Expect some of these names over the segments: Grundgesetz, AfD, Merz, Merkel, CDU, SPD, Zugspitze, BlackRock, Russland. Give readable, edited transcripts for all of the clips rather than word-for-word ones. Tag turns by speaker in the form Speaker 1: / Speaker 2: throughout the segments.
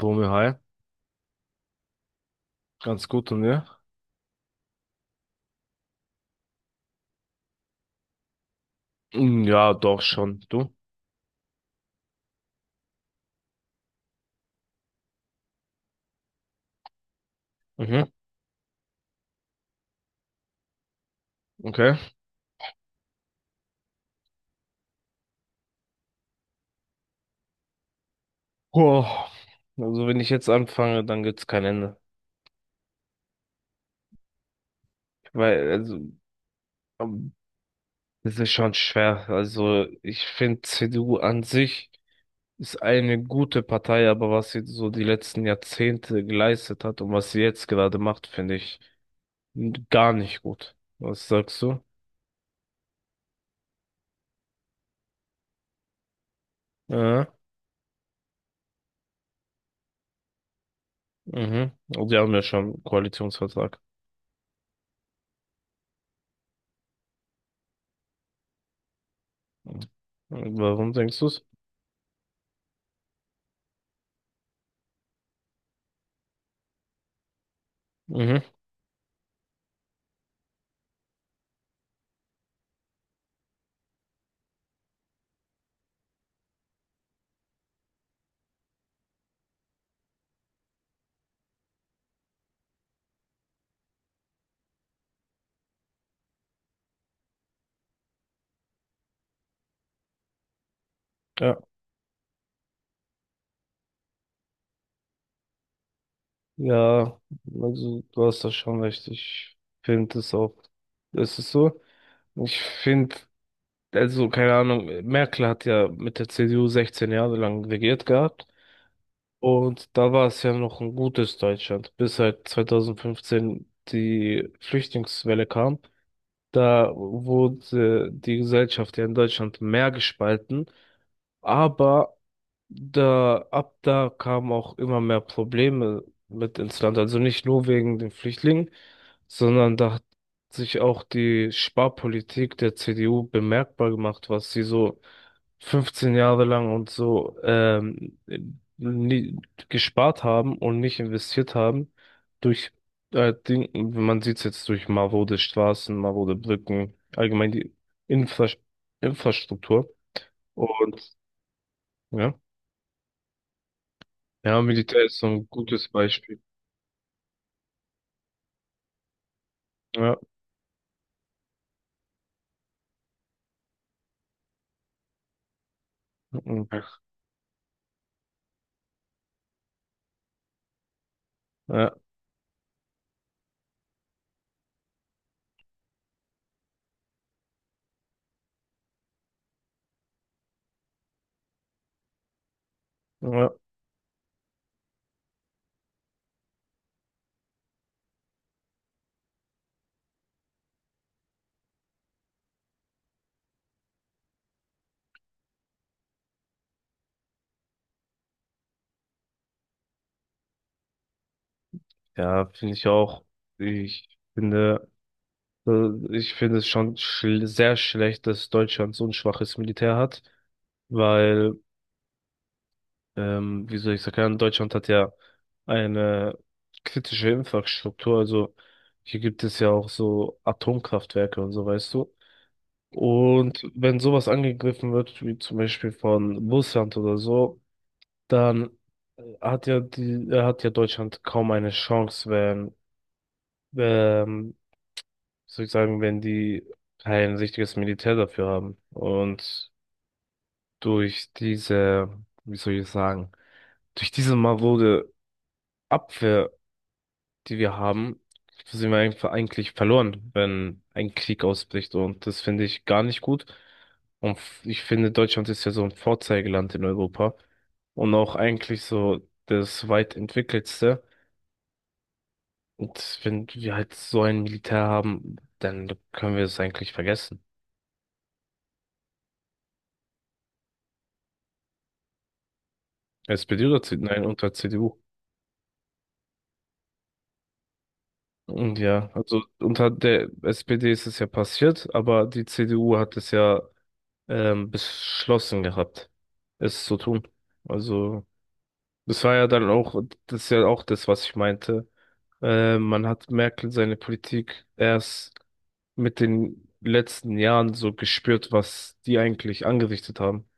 Speaker 1: Bumi, hi. Ganz gut und ja? Ja, doch schon. Du? Mhm, okay. Boah. Also wenn ich jetzt anfange, dann gibt's kein Ende. Weil, also, ähm, das ist schon schwer. Also ich finde, CDU an sich ist eine gute Partei, aber was sie so die letzten Jahrzehnte geleistet hat und was sie jetzt gerade macht, finde ich gar nicht gut. Was sagst du? Ja, mhm. Und die haben ja schon einen Koalitionsvertrag. Warum denkst du's? Mhm. Ja. Ja, also du hast da schon recht. Ich finde es auch. Es ist so. Ich finde, also keine Ahnung, Merkel hat ja mit der CDU 16 Jahre lang regiert gehabt. Und da war es ja noch ein gutes Deutschland, bis halt 2015 die Flüchtlingswelle kam. Da wurde die Gesellschaft ja in Deutschland mehr gespalten. Aber da, ab da kamen auch immer mehr Probleme mit ins Land. Also nicht nur wegen den Flüchtlingen, sondern da hat sich auch die Sparpolitik der CDU bemerkbar gemacht, was sie so 15 Jahre lang und so nie gespart haben und nicht investiert haben. Durch, man sieht es jetzt durch marode Straßen, marode Brücken, allgemein die Infra Infrastruktur. Und ja. Ja, Militär ist so ein gutes Beispiel. Ja, mhm, ja, ja, ja, finde ich auch. Ich finde, ich finde es schon schl sehr schlecht, dass Deutschland so ein schwaches Militär hat, weil, wie soll ich sagen, Deutschland hat ja eine kritische Infrastruktur. Also hier gibt es ja auch so Atomkraftwerke und so, weißt du. Und wenn sowas angegriffen wird, wie zum Beispiel von Russland oder so, dann äh, hat ja die, hat ja Deutschland kaum eine Chance, wenn, ähm, soll ich sagen, wenn die kein richtiges Militär dafür haben. Und durch diese, wie soll ich sagen, durch diese marode Abwehr, die wir haben, sind wir einfach eigentlich verloren, wenn ein Krieg ausbricht. Und das finde ich gar nicht gut. Und ich finde, Deutschland ist ja so ein Vorzeigeland in Europa und auch eigentlich so das weit entwickeltste. Und wenn wir halt so ein Militär haben, dann können wir es eigentlich vergessen. SPD oder CDU? Nein, unter CDU. Und ja, also unter der SPD ist es ja passiert, aber die CDU hat es ja beschlossen gehabt, es zu tun. Also das war ja dann auch, das ist ja auch das, was ich meinte. Man hat Merkel seine Politik erst mit den letzten Jahren so gespürt, was die eigentlich angerichtet haben.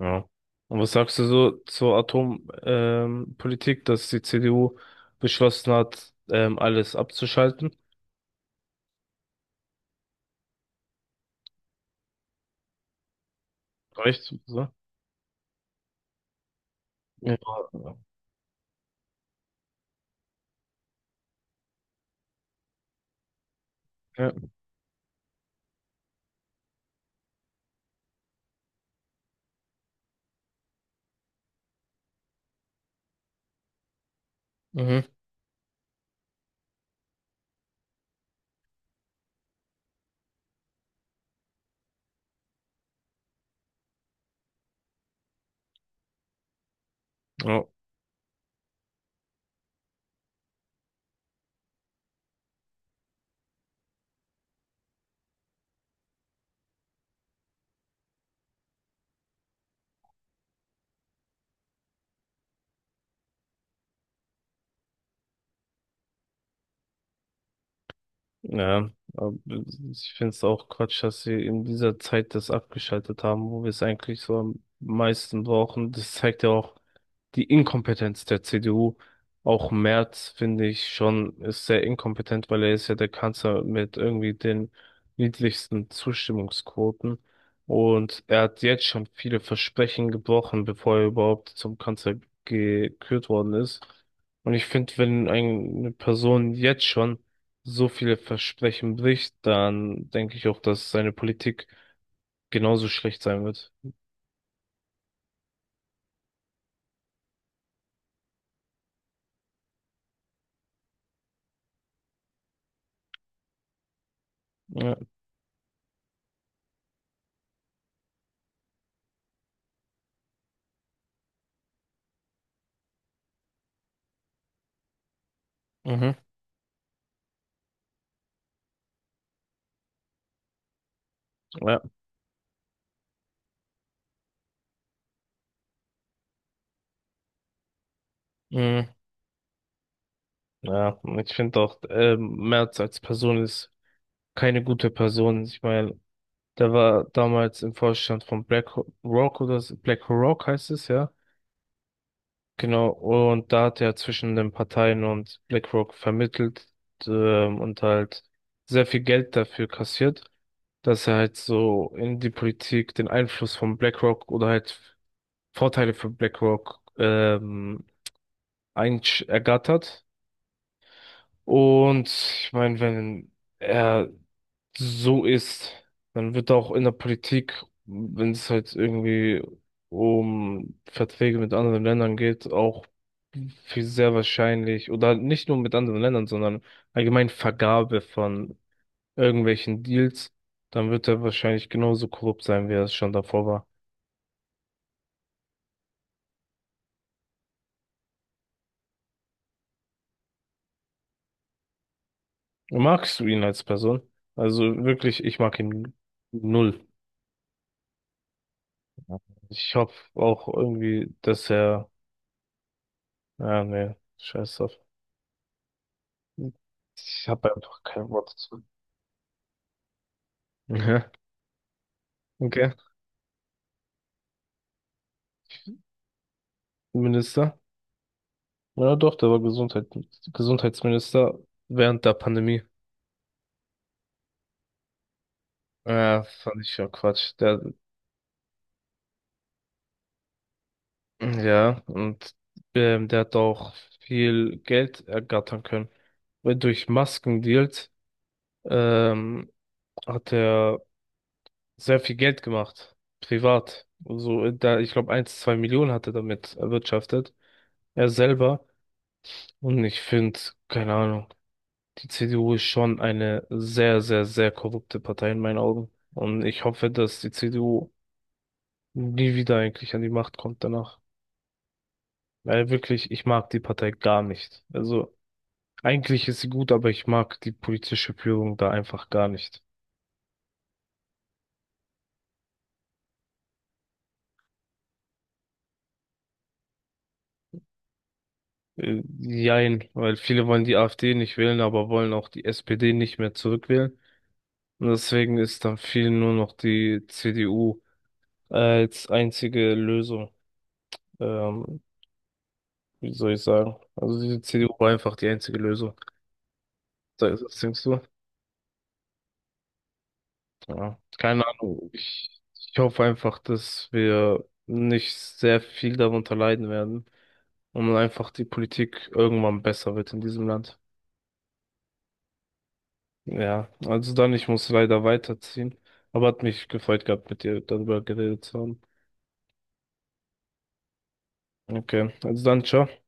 Speaker 1: Ja. Und was sagst du so zur Atompolitik, Politik, dass die CDU beschlossen hat, alles abzuschalten? Reicht so? Ja. Ja. Mhm. Ja. Ja. Aber ich finde es auch Quatsch, dass sie in dieser Zeit das abgeschaltet haben, wo wir es eigentlich so am meisten brauchen. Das zeigt ja auch die Inkompetenz der CDU. Auch Merz finde ich schon ist sehr inkompetent, weil er ist ja der Kanzler mit irgendwie den niedrigsten Zustimmungsquoten. Und er hat jetzt schon viele Versprechen gebrochen, bevor er überhaupt zum Kanzler gekürt worden ist. Und ich finde, wenn eine Person jetzt schon so viele Versprechen bricht, dann denke ich auch, dass seine Politik genauso schlecht sein wird. Ja, mhm, ja, mhm. Ja, und ich finde auch, Merz als Person ist keine gute Person. Ich meine, der war damals im Vorstand von BlackRock oder so- BlackRock heißt es, ja. Genau, und da hat er zwischen den Parteien und BlackRock vermittelt, und halt sehr viel Geld dafür kassiert, dass er halt so in die Politik den Einfluss von BlackRock oder halt Vorteile für BlackRock, ergattert. Und ich meine, wenn er so ist, dann wird auch in der Politik, wenn es halt irgendwie um Verträge mit anderen Ländern geht, auch viel sehr wahrscheinlich, oder nicht nur mit anderen Ländern, sondern allgemein Vergabe von irgendwelchen Deals, dann wird er wahrscheinlich genauso korrupt sein, wie er es schon davor war. Magst du ihn als Person? Also wirklich, ich mag ihn null. Ich hoffe auch irgendwie, dass er, ja, nee, scheiß drauf. Ich habe einfach kein Wort dazu. Ja, okay. Minister. Ja, doch, der war Gesundheitsminister während der Pandemie. Ja, fand ich ja Quatsch. Ja, und der hat auch viel Geld ergattern können. Weil durch Maskendeals ähm, hat er sehr viel Geld gemacht. Privat. So, da, ich glaube, 1-2 Millionen hat er damit erwirtschaftet. Er selber. Und ich finde, keine Ahnung. Die CDU ist schon eine sehr, sehr, sehr korrupte Partei in meinen Augen. Und ich hoffe, dass die CDU nie wieder eigentlich an die Macht kommt danach. Weil wirklich, ich mag die Partei gar nicht. Also eigentlich ist sie gut, aber ich mag die politische Führung da einfach gar nicht. Jein, weil viele wollen die AfD nicht wählen, aber wollen auch die SPD nicht mehr zurückwählen. Und deswegen ist dann vielen nur noch die CDU als einzige Lösung. Ähm, wie soll ich sagen? Also die CDU war einfach die einzige Lösung. Das denkst du? Ja, keine Ahnung. Ich hoffe einfach, dass wir nicht sehr viel darunter leiden werden und einfach die Politik irgendwann besser wird in diesem Land. Ja, also dann, ich muss leider weiterziehen. Aber hat mich gefreut gehabt, mit dir darüber geredet zu haben. Okay, also dann, ciao.